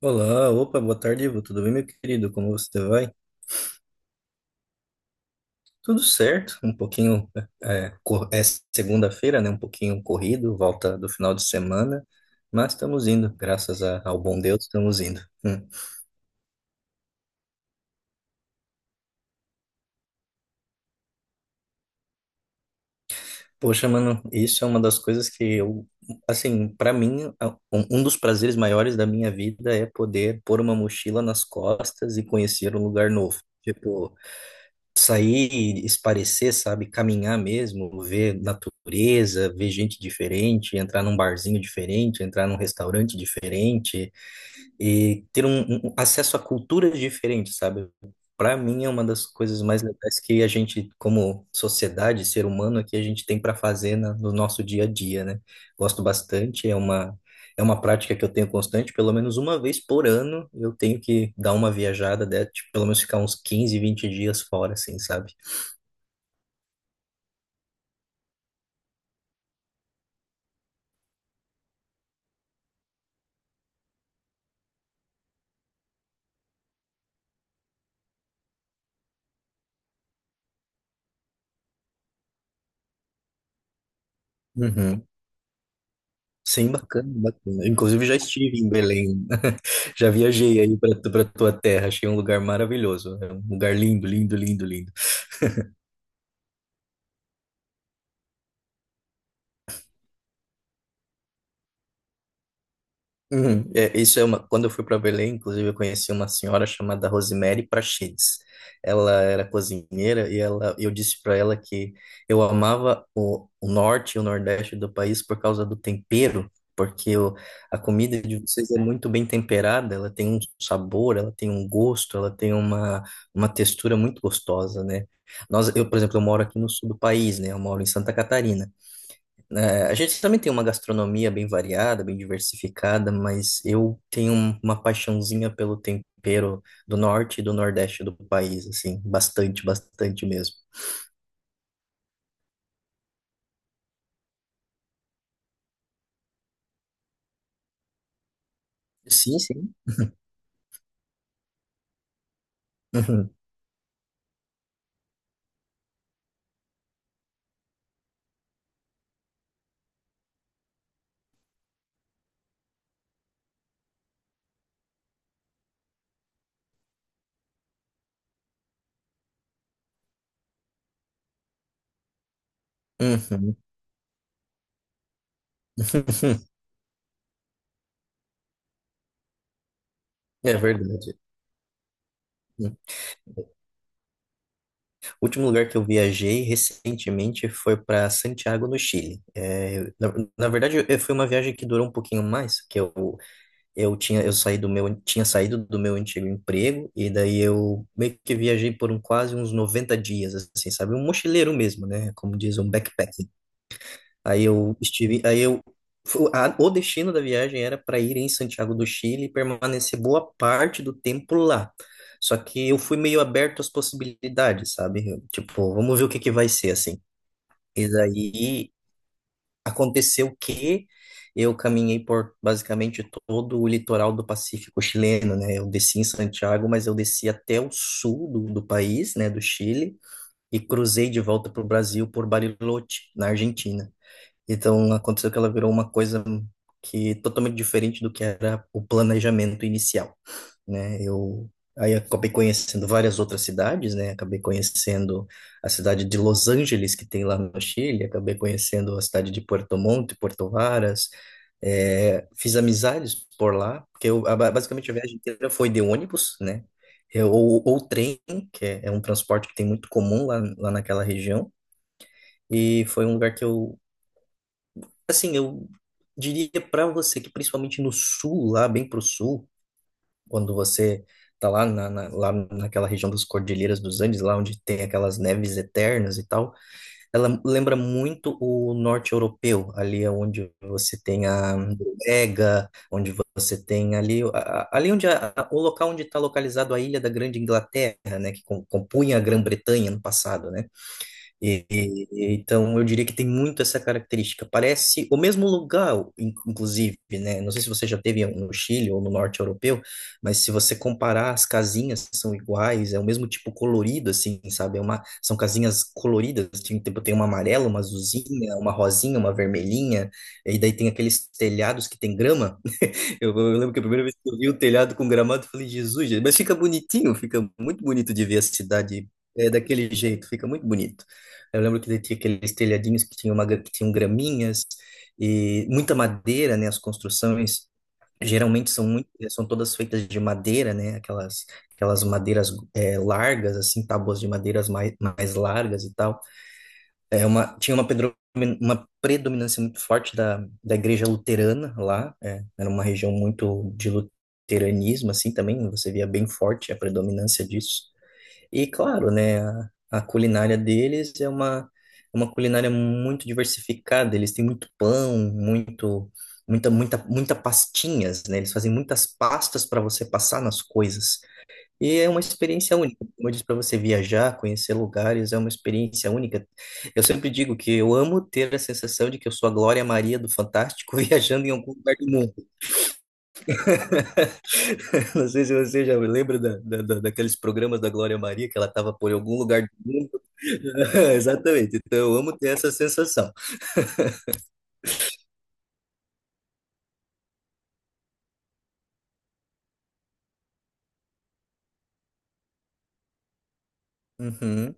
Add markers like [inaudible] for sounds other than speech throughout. Olá, opa, boa tarde, Ivo. Tudo bem, meu querido? Como você vai? Tudo certo, um pouquinho, é segunda-feira, né? Um pouquinho corrido, volta do final de semana, mas estamos indo, graças ao bom Deus, estamos indo. Hum. Poxa, mano, isso é uma das coisas que eu, assim, para mim, um dos prazeres maiores da minha vida é poder pôr uma mochila nas costas e conhecer um lugar novo. Tipo, sair e esparecer, sabe? Caminhar mesmo, ver natureza, ver gente diferente, entrar num barzinho diferente, entrar num restaurante diferente, e ter um acesso a culturas diferentes, sabe? Para mim é uma das coisas mais legais que a gente, como sociedade, ser humano, é que a gente tem para fazer no nosso dia a dia, né? Gosto bastante, é uma prática que eu tenho constante, pelo menos uma vez por ano eu tenho que dar uma viajada, né? Tipo, pelo menos ficar uns 15, 20 dias fora, assim, sabe? Uhum. Sim, bacana, bacana. Inclusive já estive em Belém. [laughs] Já viajei aí para tua terra, achei um lugar maravilhoso. É um lugar lindo, lindo, lindo, lindo. Uhum. É, isso é uma. Quando eu fui para Belém, inclusive, eu conheci uma senhora chamada Rosemary Prachedes. Ela era cozinheira e ela, eu disse para ela que eu amava o norte e o nordeste do país por causa do tempero, porque a comida de vocês é muito bem temperada, ela tem um sabor, ela tem um gosto, ela tem uma textura muito gostosa, né? Nós, eu, por exemplo, eu moro aqui no sul do país, né? Eu moro em Santa Catarina. É, a gente também tem uma gastronomia bem variada, bem diversificada, mas eu tenho uma paixãozinha pelo tempero do norte e do nordeste do país, assim, bastante, bastante mesmo. Sim, sim. Uhum, uhum. [laughs] É verdade. O último lugar que eu viajei recentemente foi para Santiago, no Chile. É, na verdade, foi uma viagem que durou um pouquinho mais, que eu tinha eu saí do meu tinha saído do meu antigo emprego e daí eu meio que viajei por quase uns 90 dias assim, sabe? Um mochileiro mesmo, né? Como diz um backpacking. Aí eu estive, aí eu fu- a- o destino da viagem era para ir em Santiago do Chile e permanecer boa parte do tempo lá. Só que eu fui meio aberto às possibilidades, sabe? Eu, tipo, vamos ver o que que vai ser assim. E daí aconteceu que eu caminhei por basicamente todo o litoral do Pacífico chileno, né? Eu desci em Santiago, mas eu desci até o sul do país, né, do Chile, e cruzei de volta para o Brasil por Bariloche, na Argentina. Então aconteceu que ela virou uma coisa que totalmente diferente do que era o planejamento inicial, né? Eu aí acabei conhecendo várias outras cidades, né? Acabei conhecendo a cidade de Los Angeles que tem lá no Chile, acabei conhecendo a cidade de Puerto Montt, Puerto Varas, é, fiz amizades por lá, porque basicamente a viagem inteira foi de ônibus, né? Ou trem, que é um transporte que tem muito comum lá naquela região. E foi um lugar que eu assim, eu diria para você que principalmente no sul, lá bem pro sul, quando você tá lá, lá naquela região das Cordilheiras dos Andes, lá onde tem aquelas neves eternas e tal, ela lembra muito o norte europeu, ali é onde você tem a Noruega, onde você tem ali, ali onde o local onde está localizado a Ilha da Grande Inglaterra, né, que compunha a Grã-Bretanha no passado, né? E- e- então, eu diria que tem muito essa característica. Parece o mesmo lugar, inclusive, né? Não sei se você já teve no Chile ou no norte europeu, mas se você comparar, as casinhas são iguais, é o mesmo tipo colorido, assim, sabe? São casinhas coloridas, assim, tem, tipo, tem uma amarela, uma azulzinha, uma rosinha, uma vermelhinha, e daí tem aqueles telhados que tem grama. Eu lembro que a primeira vez que eu vi o telhado com gramado, eu falei, Jesus, gente, mas fica bonitinho, fica muito bonito de ver a cidade daquele jeito, fica muito bonito. Eu lembro que tinha aqueles telhadinhos que tinham graminhas e muita madeira, né? As construções geralmente são são todas feitas de madeira, né? Aquelas madeiras largas, assim, tábuas de madeiras mais largas e tal. Tinha uma predominância muito forte da igreja luterana lá, era uma região muito de luteranismo, assim, também, você via bem forte a predominância disso. E, claro, né, a culinária deles é uma culinária muito diversificada, eles têm muito pão, muita pastinhas, né, eles fazem muitas pastas para você passar nas coisas. E é uma experiência única. Como eu disse para você, viajar, conhecer lugares, é uma experiência única. Eu sempre digo que eu amo ter a sensação de que eu sou a Glória Maria do Fantástico [laughs] viajando em algum lugar do mundo. [laughs] Não sei se você já lembra daqueles programas da Glória Maria, que ela estava por algum lugar do mundo. [laughs] Exatamente. Então, eu amo ter essa sensação. Uhum.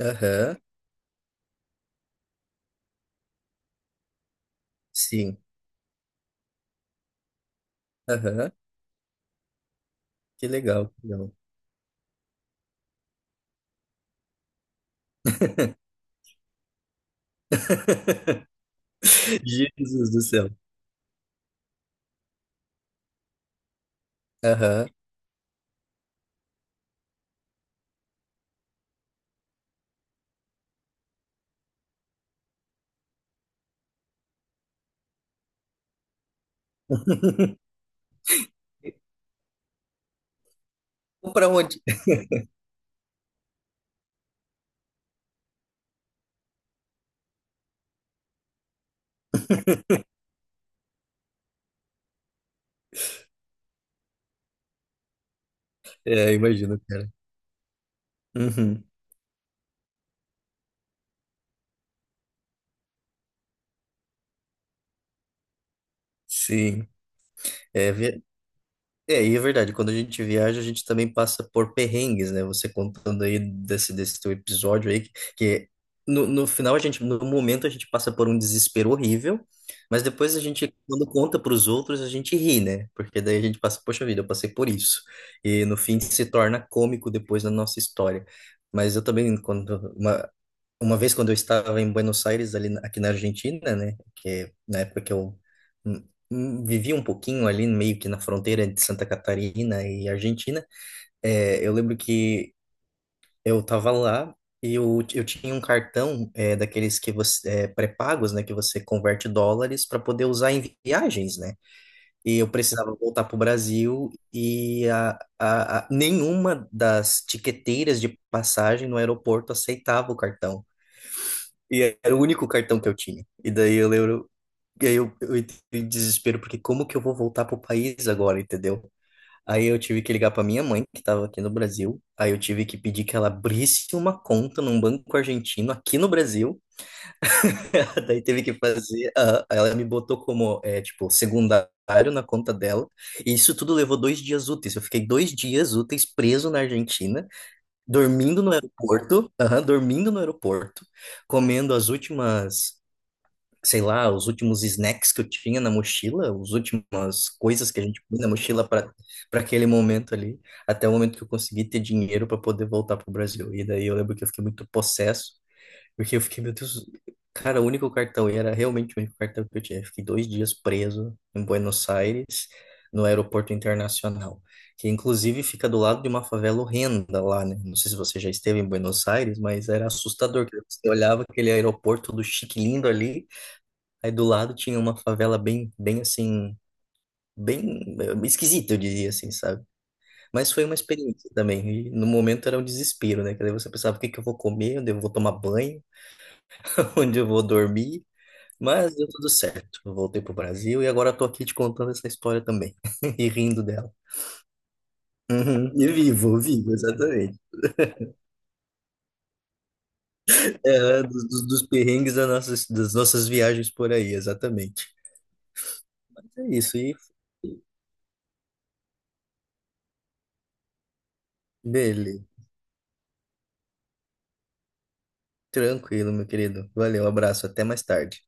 Aham. Sim. Aham. Que legal. Que legal. [laughs] Jesus do céu. Aham. [laughs] Para onde? É, imagino, cara. Uhum. Sim. É, vi- e é verdade, quando a gente viaja, a gente também passa por perrengues, né? Você contando aí desse teu episódio aí, que no final a gente, no momento a gente passa por um desespero horrível, mas depois a gente, quando conta para os outros, a gente ri, né? Porque daí a gente passa, poxa vida, eu passei por isso. E no fim se torna cômico depois da nossa história. Mas eu também, uma vez quando eu estava em Buenos Aires, ali aqui na Argentina, né, que é na época que eu vivi um pouquinho ali meio que na fronteira de Santa Catarina e Argentina, eu lembro que eu estava lá e eu tinha um cartão daqueles que você pré-pagos, né, que você converte dólares para poder usar em viagens, né? E eu precisava voltar para o Brasil e nenhuma das tiqueteiras de passagem no aeroporto aceitava o cartão. E era o único cartão que eu tinha. E daí eu lembro. E aí eu entrei em desespero, porque como que eu vou voltar pro país agora, entendeu? Aí eu tive que ligar pra minha mãe, que tava aqui no Brasil. Aí eu tive que pedir que ela abrisse uma conta num banco argentino aqui no Brasil. [laughs] Daí teve que fazer. Ah, ela me botou como, tipo, secundário na conta dela. E isso tudo levou 2 dias úteis. Eu fiquei 2 dias úteis preso na Argentina, dormindo no aeroporto, aham, dormindo no aeroporto, comendo as últimas sei lá, os últimos snacks que eu tinha na mochila, as últimas coisas que a gente põe na mochila para aquele momento ali, até o momento que eu consegui ter dinheiro para poder voltar pro Brasil. E daí eu lembro que eu fiquei muito possesso, porque eu fiquei, meu Deus, cara, o único cartão, e era realmente o único cartão que eu tinha. Eu fiquei 2 dias preso em Buenos Aires, no aeroporto internacional. Que inclusive fica do lado de uma favela horrenda lá, né? Não sei se você já esteve em Buenos Aires, mas era assustador. Que Você olhava aquele aeroporto do chique lindo ali, aí do lado tinha uma favela bem, bem assim, bem esquisita, eu diria assim, sabe? Mas foi uma experiência também. E no momento era um desespero, né? Que daí você pensava, o que que eu vou comer? Onde eu vou tomar banho? [laughs] Onde eu vou dormir? Mas deu tudo certo. Eu voltei pro Brasil e agora eu tô aqui te contando essa história também. [laughs] E rindo dela. Uhum. E vivo, vivo, exatamente. É, dos perrengues das nossas viagens por aí, exatamente. Mas é isso, e beleza. Tranquilo, meu querido. Valeu, abraço, até mais tarde.